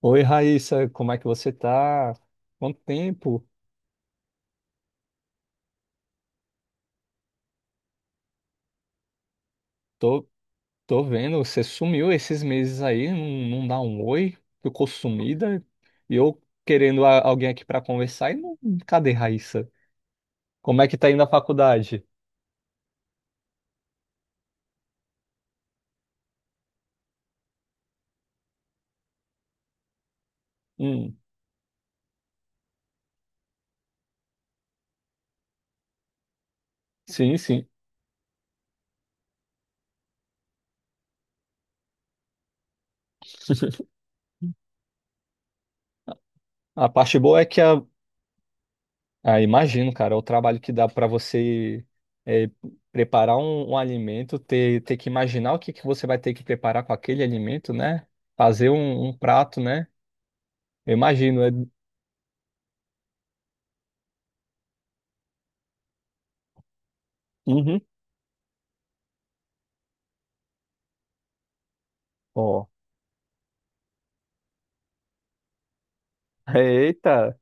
Oi, Raíssa, como é que você tá? Quanto tempo? Tô, tô, vendo, você sumiu esses meses aí, não dá um oi, ficou sumida. E eu querendo alguém aqui pra conversar e não, cadê Raíssa? Como é que tá indo a faculdade? Hum, sim. A parte boa é que ah, imagino, cara, o trabalho que dá para você é, preparar um alimento, ter que imaginar o que que você vai ter que preparar com aquele alimento, né? Fazer um prato, né? Eu imagino, é, uhum. Ó. Eita.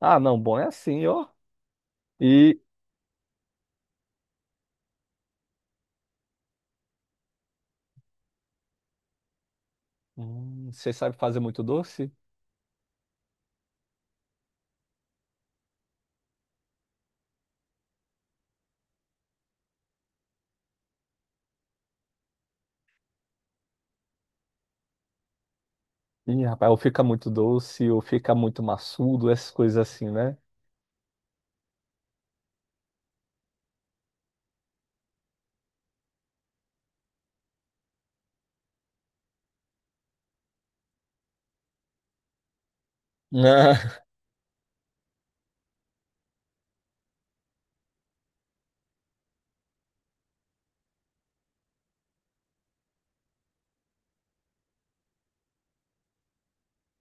Ah, não, bom é assim, ó. E você sabe fazer muito doce? Ih, rapaz, ou fica muito doce, ou fica muito maçudo, essas coisas assim, né?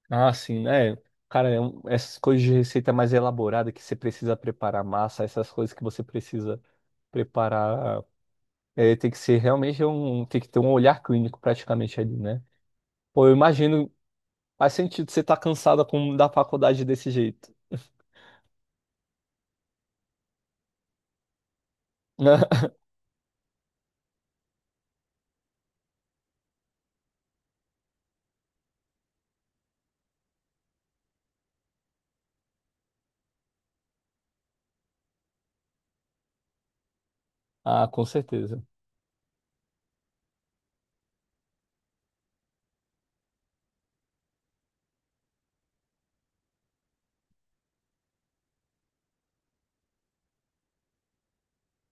Ah, ah, sim, né? Cara, essas coisas de receita mais elaborada que você precisa preparar massa, essas coisas que você precisa preparar, é, tem que ser realmente tem que ter um olhar clínico praticamente ali, né? Pô, eu imagino, faz sentido você estar cansada com, da faculdade desse jeito. Ah, com certeza.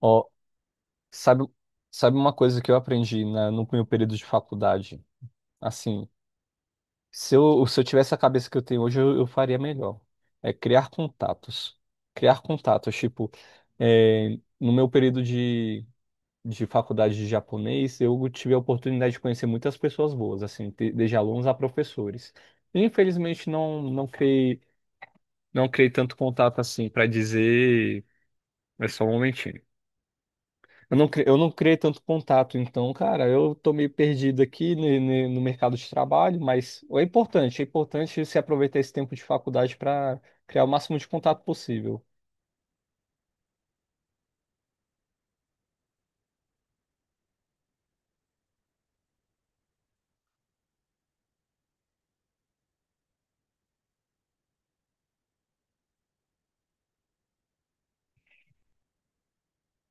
Ó, sabe, sabe uma coisa que eu aprendi na, no meu período de faculdade? Assim, se eu tivesse a cabeça que eu tenho hoje, eu faria melhor. É criar contatos. Criar contatos. Tipo, é, no meu período de faculdade de japonês, eu tive a oportunidade de conhecer muitas pessoas boas, assim, desde alunos a professores. E, infelizmente, não criei tanto contato assim para dizer. É só um momentinho. Eu não, eu não criei tanto contato, então, cara, eu tô meio perdido aqui no mercado de trabalho, mas é importante se aproveitar esse tempo de faculdade para criar o máximo de contato possível.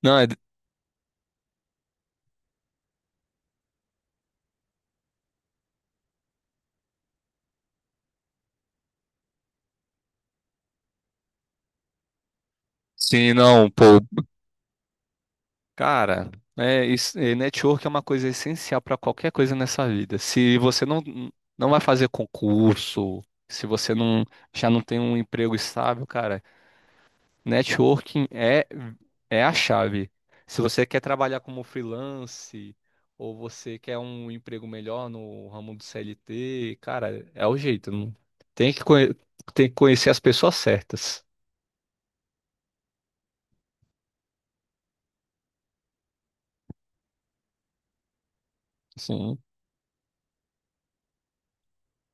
Não, é- sim, não, pô. Cara, é, isso, é, network é uma coisa essencial para qualquer coisa nessa vida. Se você não, não vai fazer concurso, se você não já não tem um emprego estável, cara. Networking é, é a chave. Se você quer trabalhar como freelance ou você quer um emprego melhor no ramo do CLT, cara, é o jeito. Tem que, tem que conhecer as pessoas certas. Sim.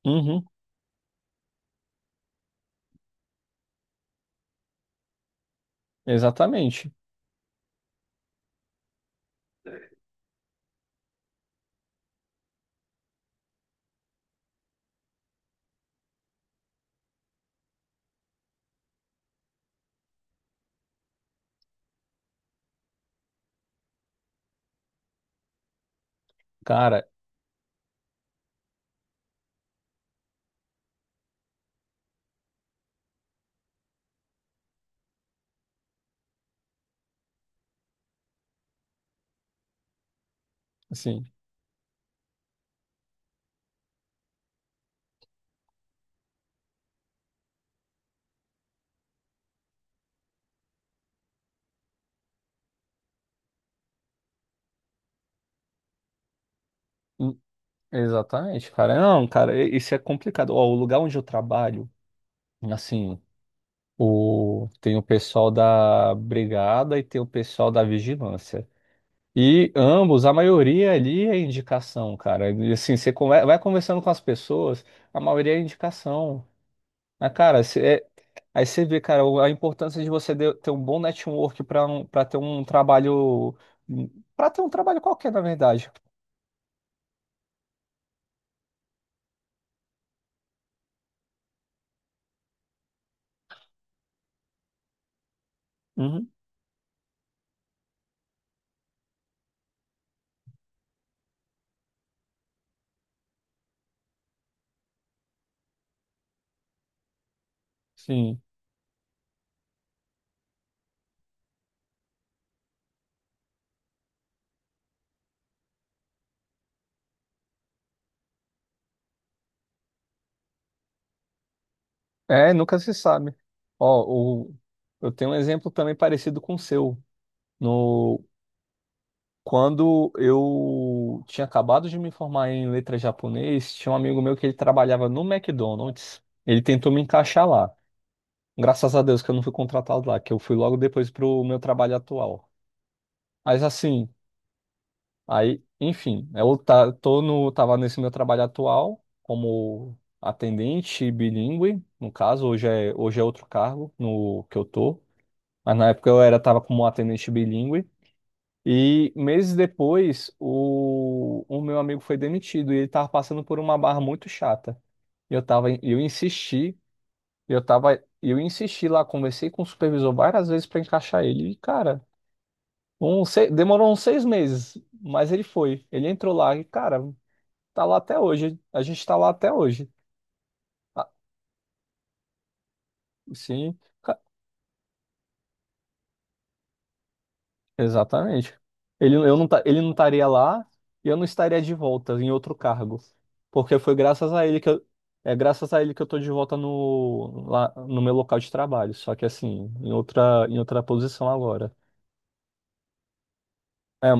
Uhum, exatamente. Cara, assim, hum, exatamente, cara. Não, cara, isso é complicado. Ó, o lugar onde eu trabalho, assim, o... tem o pessoal da brigada e tem o pessoal da vigilância. E ambos, a maioria ali é indicação, cara. E, assim, você vai conversando com as pessoas, a maioria é indicação. Ah, cara, aí você vê, cara, a importância de você ter um bom network para um, para ter um trabalho, para ter um trabalho qualquer, na verdade. Uhum, sim. É, nunca se sabe. Ó, o- eu tenho um exemplo também parecido com o seu. No Quando eu tinha acabado de me formar em letras japonês, tinha um amigo meu que ele trabalhava no McDonald's. Ele tentou me encaixar lá. Graças a Deus que eu não fui contratado lá, que eu fui logo depois pro meu trabalho atual. Mas assim, aí, enfim, tô no, tava nesse meu trabalho atual como atendente bilíngue, no caso, hoje é outro cargo no que eu tô. Mas na época eu era, tava como atendente bilíngue. E meses depois, o meu amigo foi demitido e ele estava passando por uma barra muito chata. E eu tava, eu insisti lá, conversei com o supervisor várias vezes para encaixar ele. E, cara, demorou uns 6 meses, mas ele foi. Ele entrou lá e, cara, tá lá até hoje. A gente tá lá até hoje. Ah, sim. Exatamente. Ele não estaria lá e eu não estaria de volta em outro cargo. Porque foi graças a ele que eu, é graças a ele que eu tô de volta lá, no meu local de trabalho. Só que assim, em em outra posição agora. É,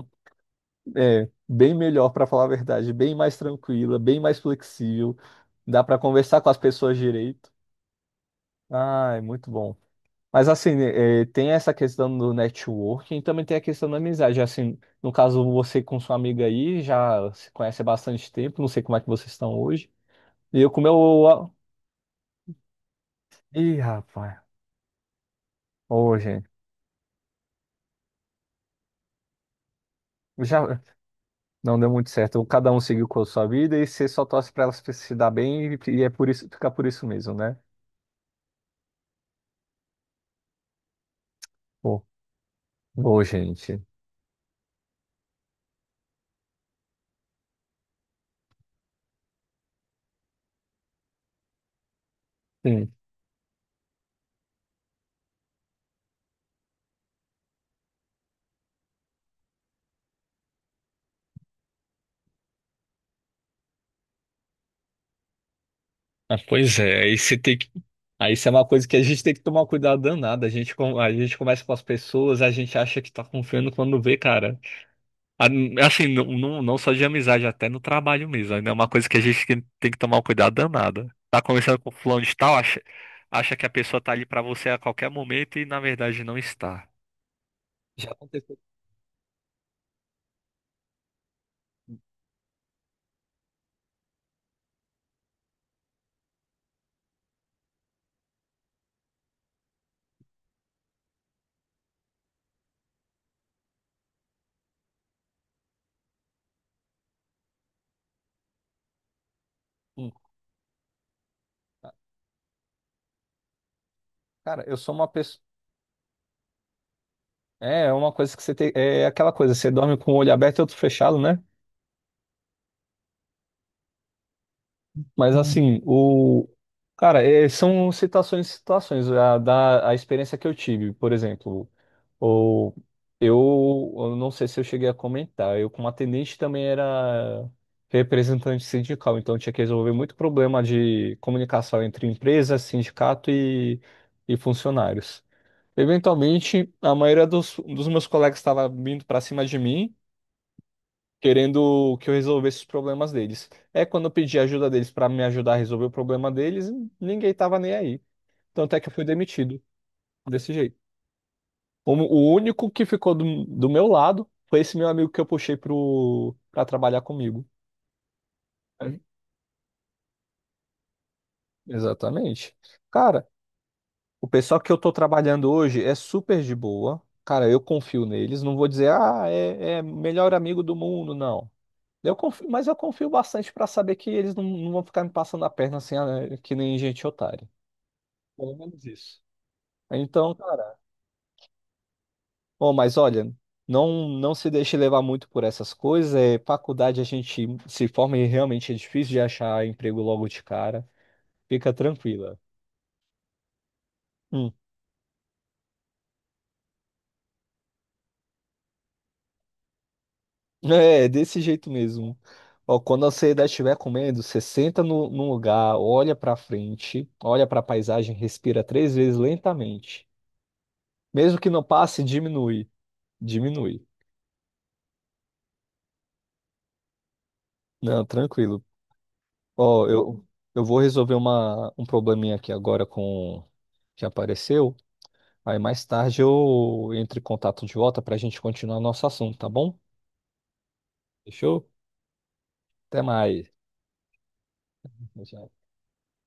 é bem melhor, para falar a verdade, bem mais tranquila, bem mais flexível. Dá para conversar com as pessoas direito. Ah, é muito bom. Mas assim, né, eh, tem essa questão do networking e também tem a questão da amizade. Assim, no caso, você com sua amiga aí já se conhece há bastante tempo, não sei como é que vocês estão hoje. E eu com o meu. Ih, rapaz. Ô, gente, já não deu muito certo. Cada um seguiu com a sua vida e você só torce para elas se dar bem e é por isso, fica por isso mesmo, né? Ô, ô, gente. Sim. Ah, pois é, aí você tem que. Aí isso é uma coisa que a gente tem que tomar cuidado danado. A gente, a gente começa com as pessoas, a gente acha que tá confiando quando vê, cara. A- Assim, não, não só de amizade, até no trabalho mesmo. Ainda é uma coisa que a gente tem que tomar um cuidado danado. Tá conversando com fulano de tal, acha que a pessoa tá ali pra você a qualquer momento e na verdade não está. Já aconteceu. Hum. Cara, eu sou uma pessoa. É, é uma coisa que você tem. É aquela coisa, você dorme com o olho aberto e outro fechado, né? Mas assim, o. Cara, é, são situações e situações. A experiência que eu tive, por exemplo. Ou eu não sei se eu cheguei a comentar, eu como atendente também era representante sindical, então tinha que resolver muito problema de comunicação entre empresa, sindicato e funcionários. Eventualmente, a maioria dos meus colegas estava vindo para cima de mim, querendo que eu resolvesse os problemas deles. É quando eu pedi a ajuda deles para me ajudar a resolver o problema deles, ninguém estava nem aí. Tanto é que eu fui demitido desse jeito. O único que ficou do meu lado foi esse meu amigo que eu puxei pra trabalhar comigo. É, exatamente. Cara, o pessoal que eu tô trabalhando hoje é super de boa. Cara, eu confio neles. Não vou dizer, ah, é, é melhor amigo do mundo, não. Eu confio, mas eu confio bastante pra saber que eles não, não vão ficar me passando a perna assim, ah, é, que nem gente otária. Pelo menos isso. Então, oh, mas olha, não se deixe levar muito por essas coisas. É, faculdade a gente se forma e realmente é difícil de achar emprego logo de cara. Fica tranquila. Hum. É, desse jeito mesmo. Ó, quando a ansiedade estiver comendo, você senta no, num lugar, olha pra frente, olha pra paisagem, respira 3 vezes lentamente. Mesmo que não passe, diminui. Diminui. Não, tranquilo. Ó, eu vou resolver um probleminha aqui agora com que apareceu. Aí mais tarde eu entro em contato de volta para a gente continuar nosso assunto, tá bom? Fechou? Até mais. Tchau.